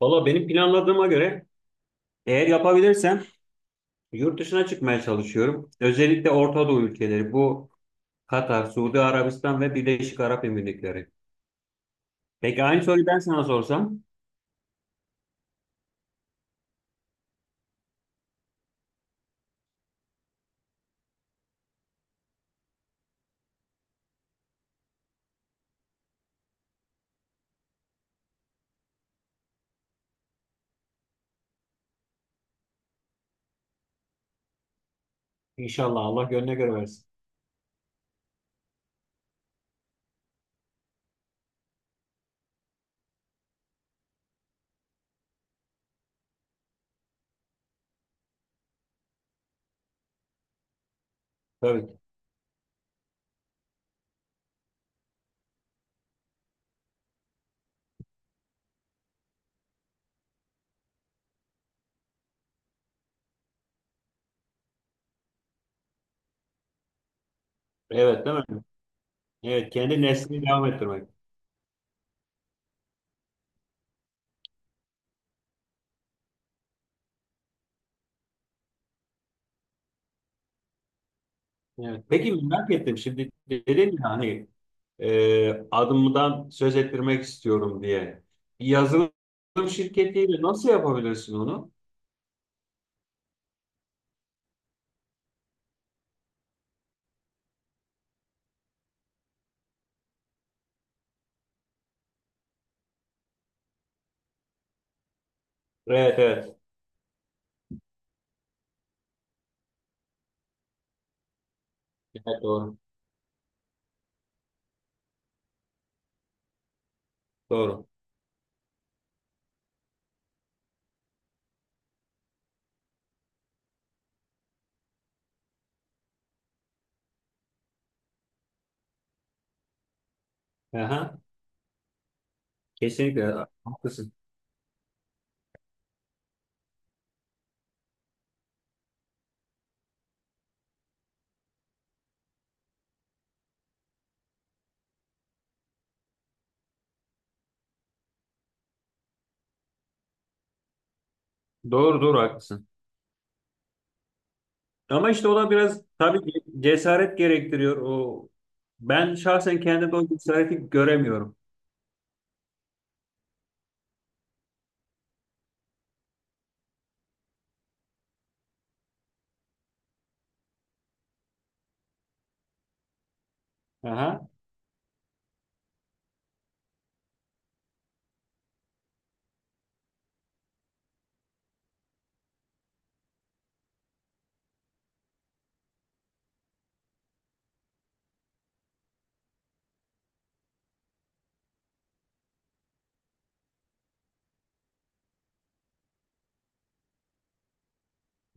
Valla benim planladığıma göre eğer yapabilirsem yurt dışına çıkmaya çalışıyorum. Özellikle Orta Doğu ülkeleri bu Katar, Suudi Arabistan ve Birleşik Arap Emirlikleri. Peki aynı soruyu ben sana sorsam? İnşallah Allah gönlüne göre versin. Tabii ki. Evet, değil mi? Evet, kendi neslini devam ettirmek. Evet. Peki merak ettim, şimdi dedin ya hani adımdan söz ettirmek istiyorum diye. Bir yazılım şirketiyle nasıl yapabilirsin onu? Evet, evet. Evet, doğru. Doğru. Aha. Kesinlikle haklısın. Doğru, doğru, haklısın. Ama işte o da biraz tabii ki cesaret gerektiriyor. O ben şahsen kendimde o cesareti göremiyorum. Aha.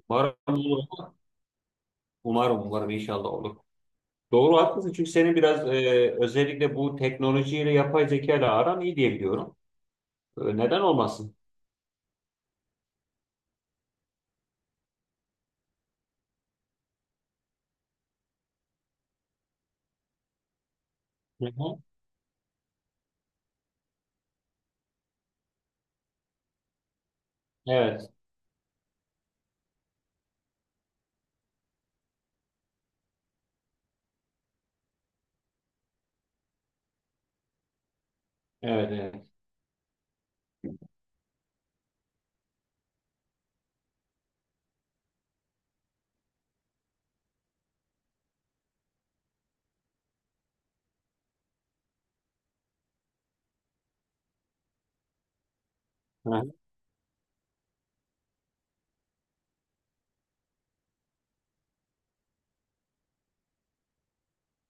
Umarım olur. Umarım, umarım, inşallah olur. Doğru, haklısın, çünkü senin biraz özellikle bu teknolojiyle yapay zeka ile aran iyi diye biliyorum. Neden olmasın? Hı hı. Evet. Evet. Evet. Hı hı.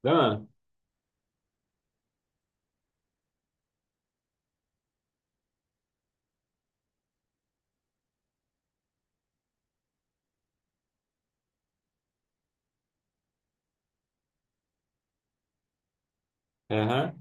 Değil mi? Hı hı.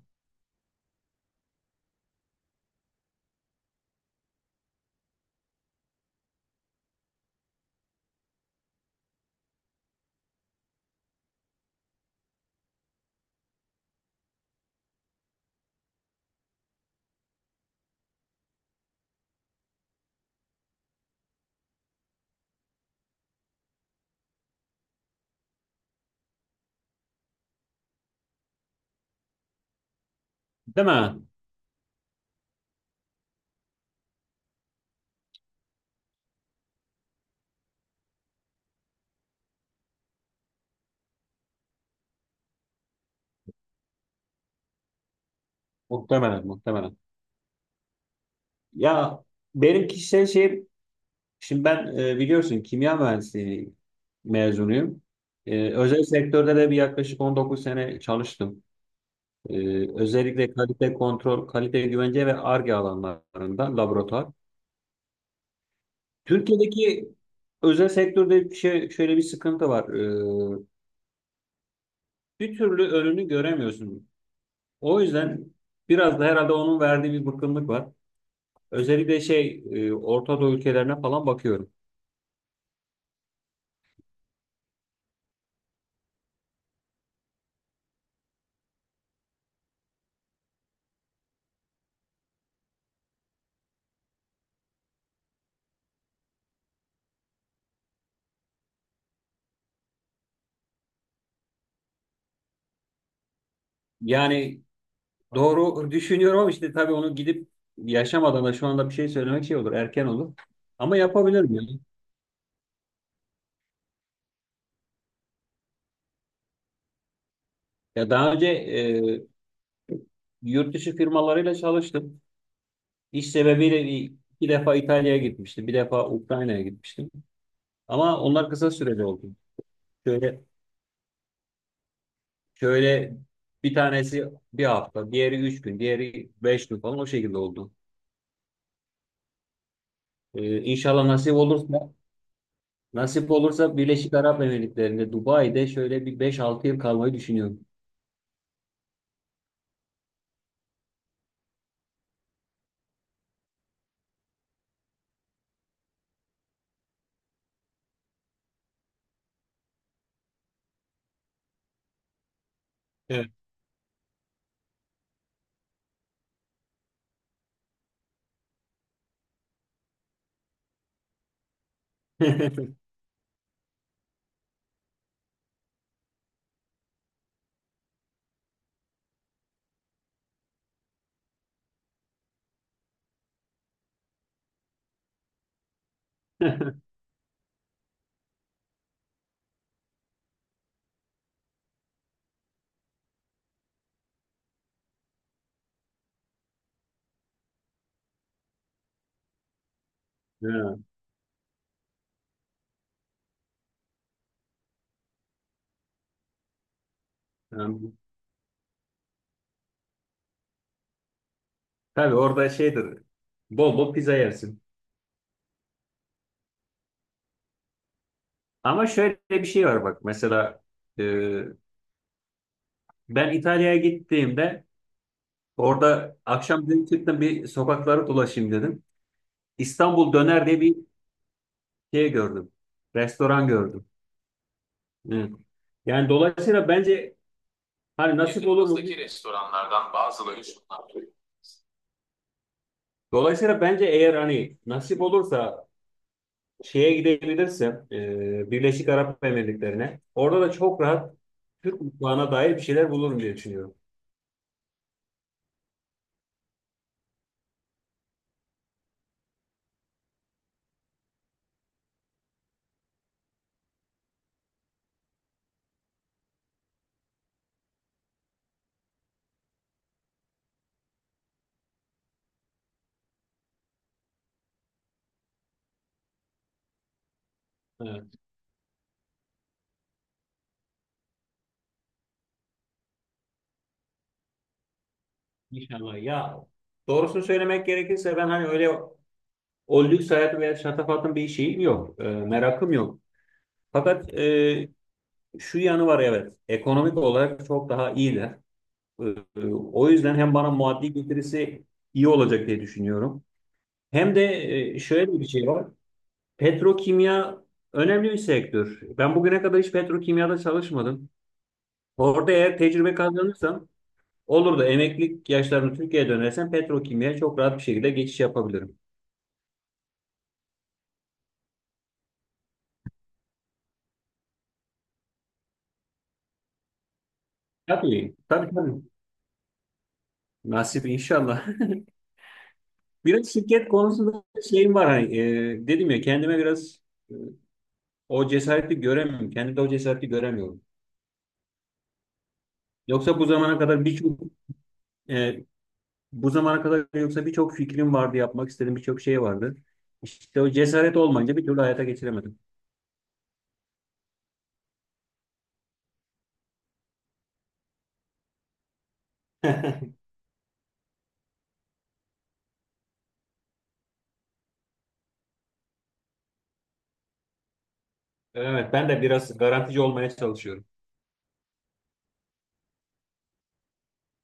Değil mi? Muhtemelen, muhtemelen. Ya, benim kişisel şey, şimdi ben, biliyorsun, kimya mühendisliği mezunuyum. Özel sektörde de bir yaklaşık 19 sene çalıştım. E, özellikle kalite kontrol, kalite güvence ve Ar-Ge alanlarında laboratuvar. Türkiye'deki özel sektörde bir şey, şöyle bir sıkıntı var. E, bir türlü önünü göremiyorsun. O yüzden biraz da herhalde onun verdiği bir bıkkınlık var. Özellikle şey Orta Doğu ülkelerine falan bakıyorum. Yani doğru düşünüyorum, ama işte tabii onu gidip yaşamadan da şu anda bir şey söylemek şey olur, erken olur. Ama yapabilirim yani. Ya daha önce yurt dışı firmalarıyla çalıştım. İş sebebiyle bir, iki defa İtalya'ya gitmiştim, bir defa Ukrayna'ya gitmiştim. Ama onlar kısa süreli oldu. Şöyle, şöyle, bir tanesi bir hafta, diğeri üç gün, diğeri beş gün falan o şekilde oldu. İnşallah nasip olursa, nasip olursa Birleşik Arap Emirlikleri'nde, Dubai'de şöyle bir beş altı yıl kalmayı düşünüyorum. Ha, anladım. Tabii orada şeydir. Bol bol pizza yersin. Ama şöyle bir şey var bak. Mesela e, ben İtalya'ya gittiğimde orada akşam dedim, çıktım bir sokakları dolaşayım dedim. İstanbul Döner diye bir şey gördüm. Restoran gördüm. Evet. Yani dolayısıyla bence, hani, nasip olur mu? Dolayısıyla bence eğer hani nasip olursa şeye gidebilirsin, Birleşik Arap Emirlikleri'ne. Orada da çok rahat Türk mutfağına dair bir şeyler bulurum diye düşünüyorum. Evet, inşallah. Ya, doğrusunu söylemek gerekirse ben hani öyle o lüks hayatı veya şatafatın bir şeyim yok. Merakım yok. Fakat şu yanı var, evet. Ekonomik olarak çok daha iyiler. E, o yüzden hem bana maddi getirisi iyi olacak diye düşünüyorum. Hem de şöyle bir şey var. Petrokimya önemli bir sektör. Ben bugüne kadar hiç petrokimyada çalışmadım. Orada eğer tecrübe kazanırsam olur da emeklilik yaşlarını Türkiye'ye dönersem petrokimyaya çok rahat bir şekilde geçiş yapabilirim. Tabii, tabii, tabii. Nasip inşallah. Biraz şirket konusunda şeyim var. Hani, dedim ya kendime, biraz e, o cesareti göremiyorum. Kendimde o cesareti göremiyorum. Yoksa bu zamana kadar birçok e, Bu zamana kadar yoksa birçok fikrim vardı, yapmak istediğim birçok şey vardı. İşte o cesaret olmayınca bir türlü hayata geçiremedim. Evet, ben de biraz garantici olmaya çalışıyorum.